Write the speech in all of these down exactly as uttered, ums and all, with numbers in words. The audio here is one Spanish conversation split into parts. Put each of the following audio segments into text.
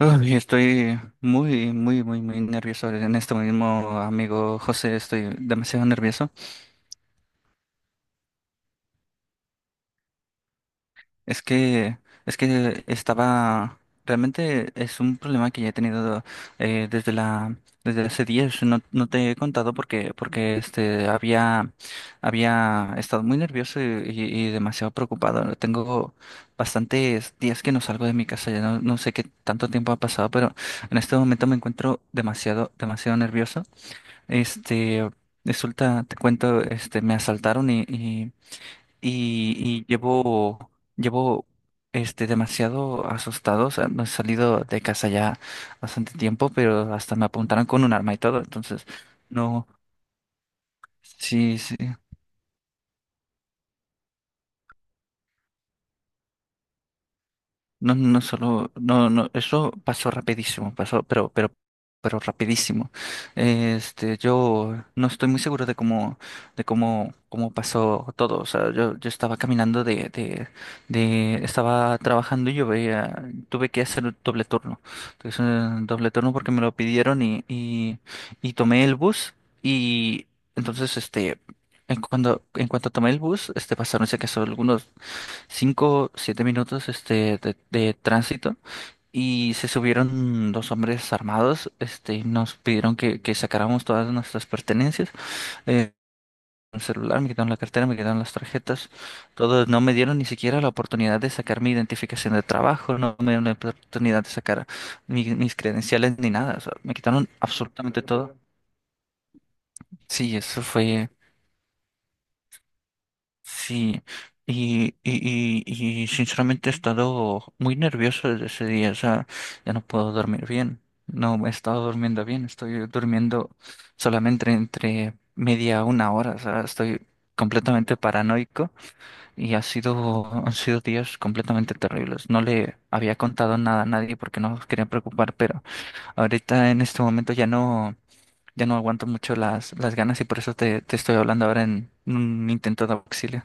Ay, estoy muy, muy, muy, muy nervioso en esto mismo, amigo José, estoy demasiado nervioso. Es que, es que estaba, realmente es un problema que ya he tenido eh, desde la, desde hace días. No, no te he contado porque, porque este había, había estado muy nervioso y, y- y demasiado preocupado. Tengo bastantes días que no salgo de mi casa, ya no, no sé qué tanto tiempo ha pasado, pero en este momento me encuentro demasiado, demasiado nervioso. Este, resulta, te cuento, este, me asaltaron y, y, y- y llevo, llevo, este, demasiado asustado. O sea, no he salido de casa ya bastante tiempo, pero hasta me apuntaron con un arma y todo. Entonces, no, sí, sí. No, no solo, no, no, eso pasó rapidísimo, pasó, pero, pero, pero rapidísimo. Este, yo no estoy muy seguro de cómo, de cómo, cómo pasó todo. O sea, yo, yo estaba caminando de, de, de, estaba trabajando y yo veía, tuve que hacer un doble turno. Entonces, eh, doble turno porque me lo pidieron y, y, y tomé el bus y entonces, este, en cuando, en cuanto tomé el bus, este, pasaron, se casó algunos cinco siete minutos este, de, de tránsito y se subieron dos hombres armados, este, y nos pidieron que, que sacáramos todas nuestras pertenencias, eh, el celular, me quitaron la cartera, me quitaron las tarjetas, todo, no me dieron ni siquiera la oportunidad de sacar mi identificación de trabajo, no me dieron la oportunidad de sacar mi- mis credenciales ni nada, o sea, me quitaron absolutamente todo. Sí, eso fue. Sí, y, y, y, y sinceramente he estado muy nervioso desde ese día, o sea, ya no puedo dormir bien, no he estado durmiendo bien, estoy durmiendo solamente entre media a una hora, o sea, estoy completamente paranoico y ha sido, han sido días completamente terribles. No le había contado nada a nadie porque no quería preocupar, pero ahorita en este momento ya no, ya no aguanto mucho las, las ganas y por eso te, te estoy hablando ahora en un intento de auxilio.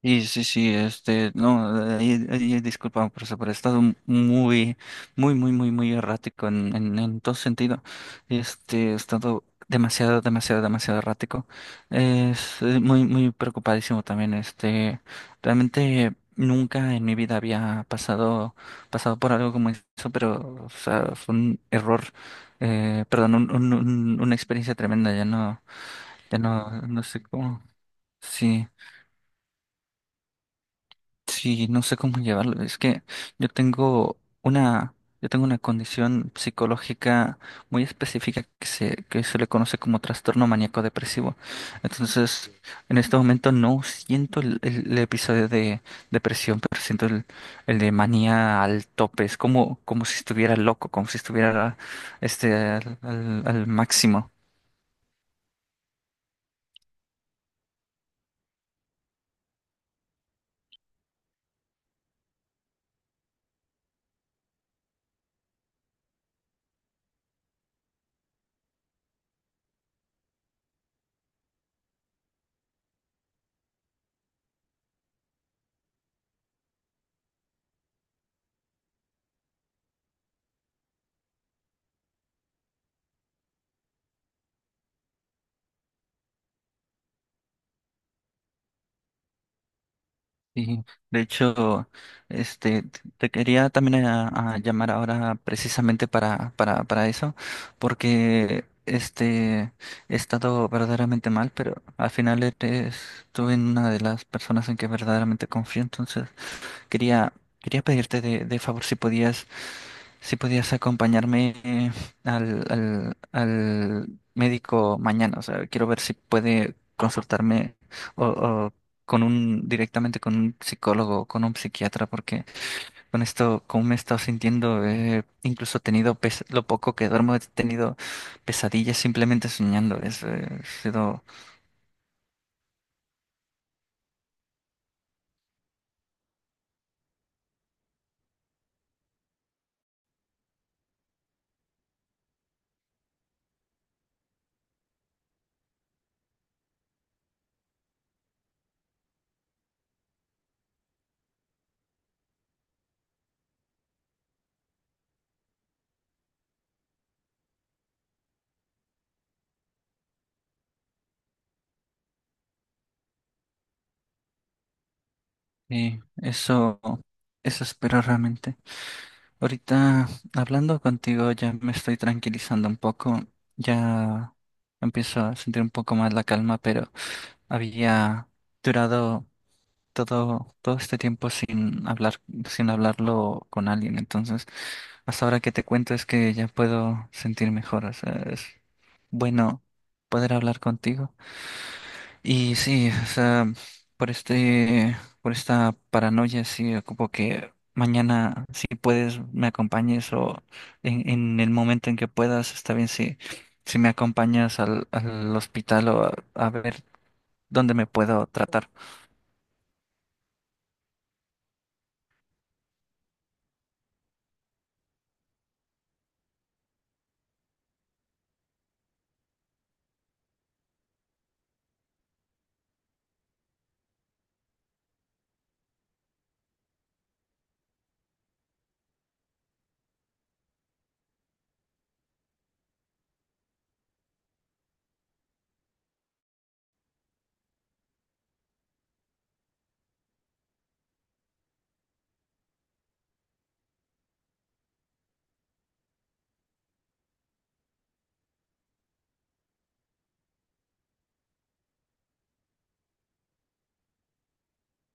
Y sí, sí, este, no, ahí- ahí, disculpa por eso, pero he estado muy, muy, muy, muy, muy errático en, en, en todo sentido. Este, he estado demasiado, demasiado, demasiado errático. Es eh, muy, muy preocupadísimo también. Este, realmente nunca en mi vida había pasado, pasado por algo como eso, pero, o sea, fue un error, eh, perdón, un, un- un- una experiencia tremenda. Ya no, ya no, no sé cómo. Sí. Sí, no sé cómo llevarlo. Es que yo tengo una, yo tengo una condición psicológica muy específica que se, que se le conoce como trastorno maníaco depresivo. Entonces, en este momento no siento el, el- el episodio de depresión, pero siento el, el de manía al tope. Es como, como si estuviera loco, como si estuviera este al, al- al máximo. Sí, de hecho, este, t- te quería también a- a llamar ahora precisamente para, para, para eso, porque este, he estado verdaderamente mal, pero al final eres, tú en una de las personas en que verdaderamente confío, entonces quería, quería pedirte de, de favor si podías si podías acompañarme eh, al, al, al médico mañana. O sea, quiero ver si puede consultarme o, o con un, directamente con un psicólogo o con un psiquiatra, porque con esto, como me he estado sintiendo, eh, incluso he tenido, pes- lo poco que duermo, he tenido pesadillas simplemente soñando. Es, eh, ha sido, eh, eso, eso espero realmente. Ahorita hablando contigo ya me estoy tranquilizando un poco, ya empiezo a sentir un poco más la calma, pero había durado todo, todo este tiempo sin hablar, sin hablarlo con alguien. Entonces, hasta ahora que te cuento es que ya puedo sentir mejor. O sea, es bueno poder hablar contigo. Y sí, o sea, por este, por esta paranoia, sí, ocupo que mañana, si puedes, me acompañes o en, en el momento en que puedas, está bien si, si me acompañas al, al hospital o a, a ver dónde me puedo tratar.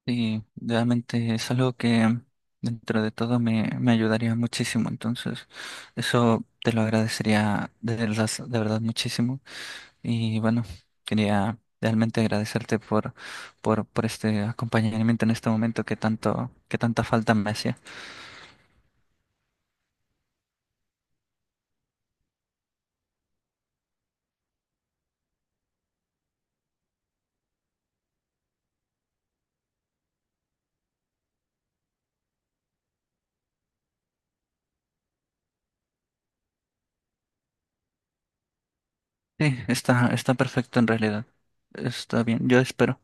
Y realmente es algo que dentro de todo me, me ayudaría muchísimo, entonces eso te lo agradecería de verdad, de verdad muchísimo. Y bueno, quería realmente agradecerte por, por, por este acompañamiento en este momento que tanto, que tanta falta me hacía. Sí, está, está perfecto en realidad. Está bien, yo espero.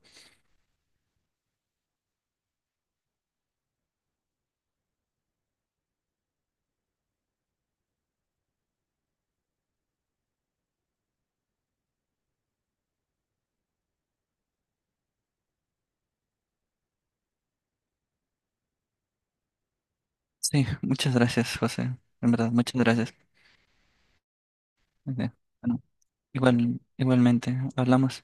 Sí, muchas gracias, José. En verdad, muchas gracias. Ok, bueno, igual, igualmente, hablamos.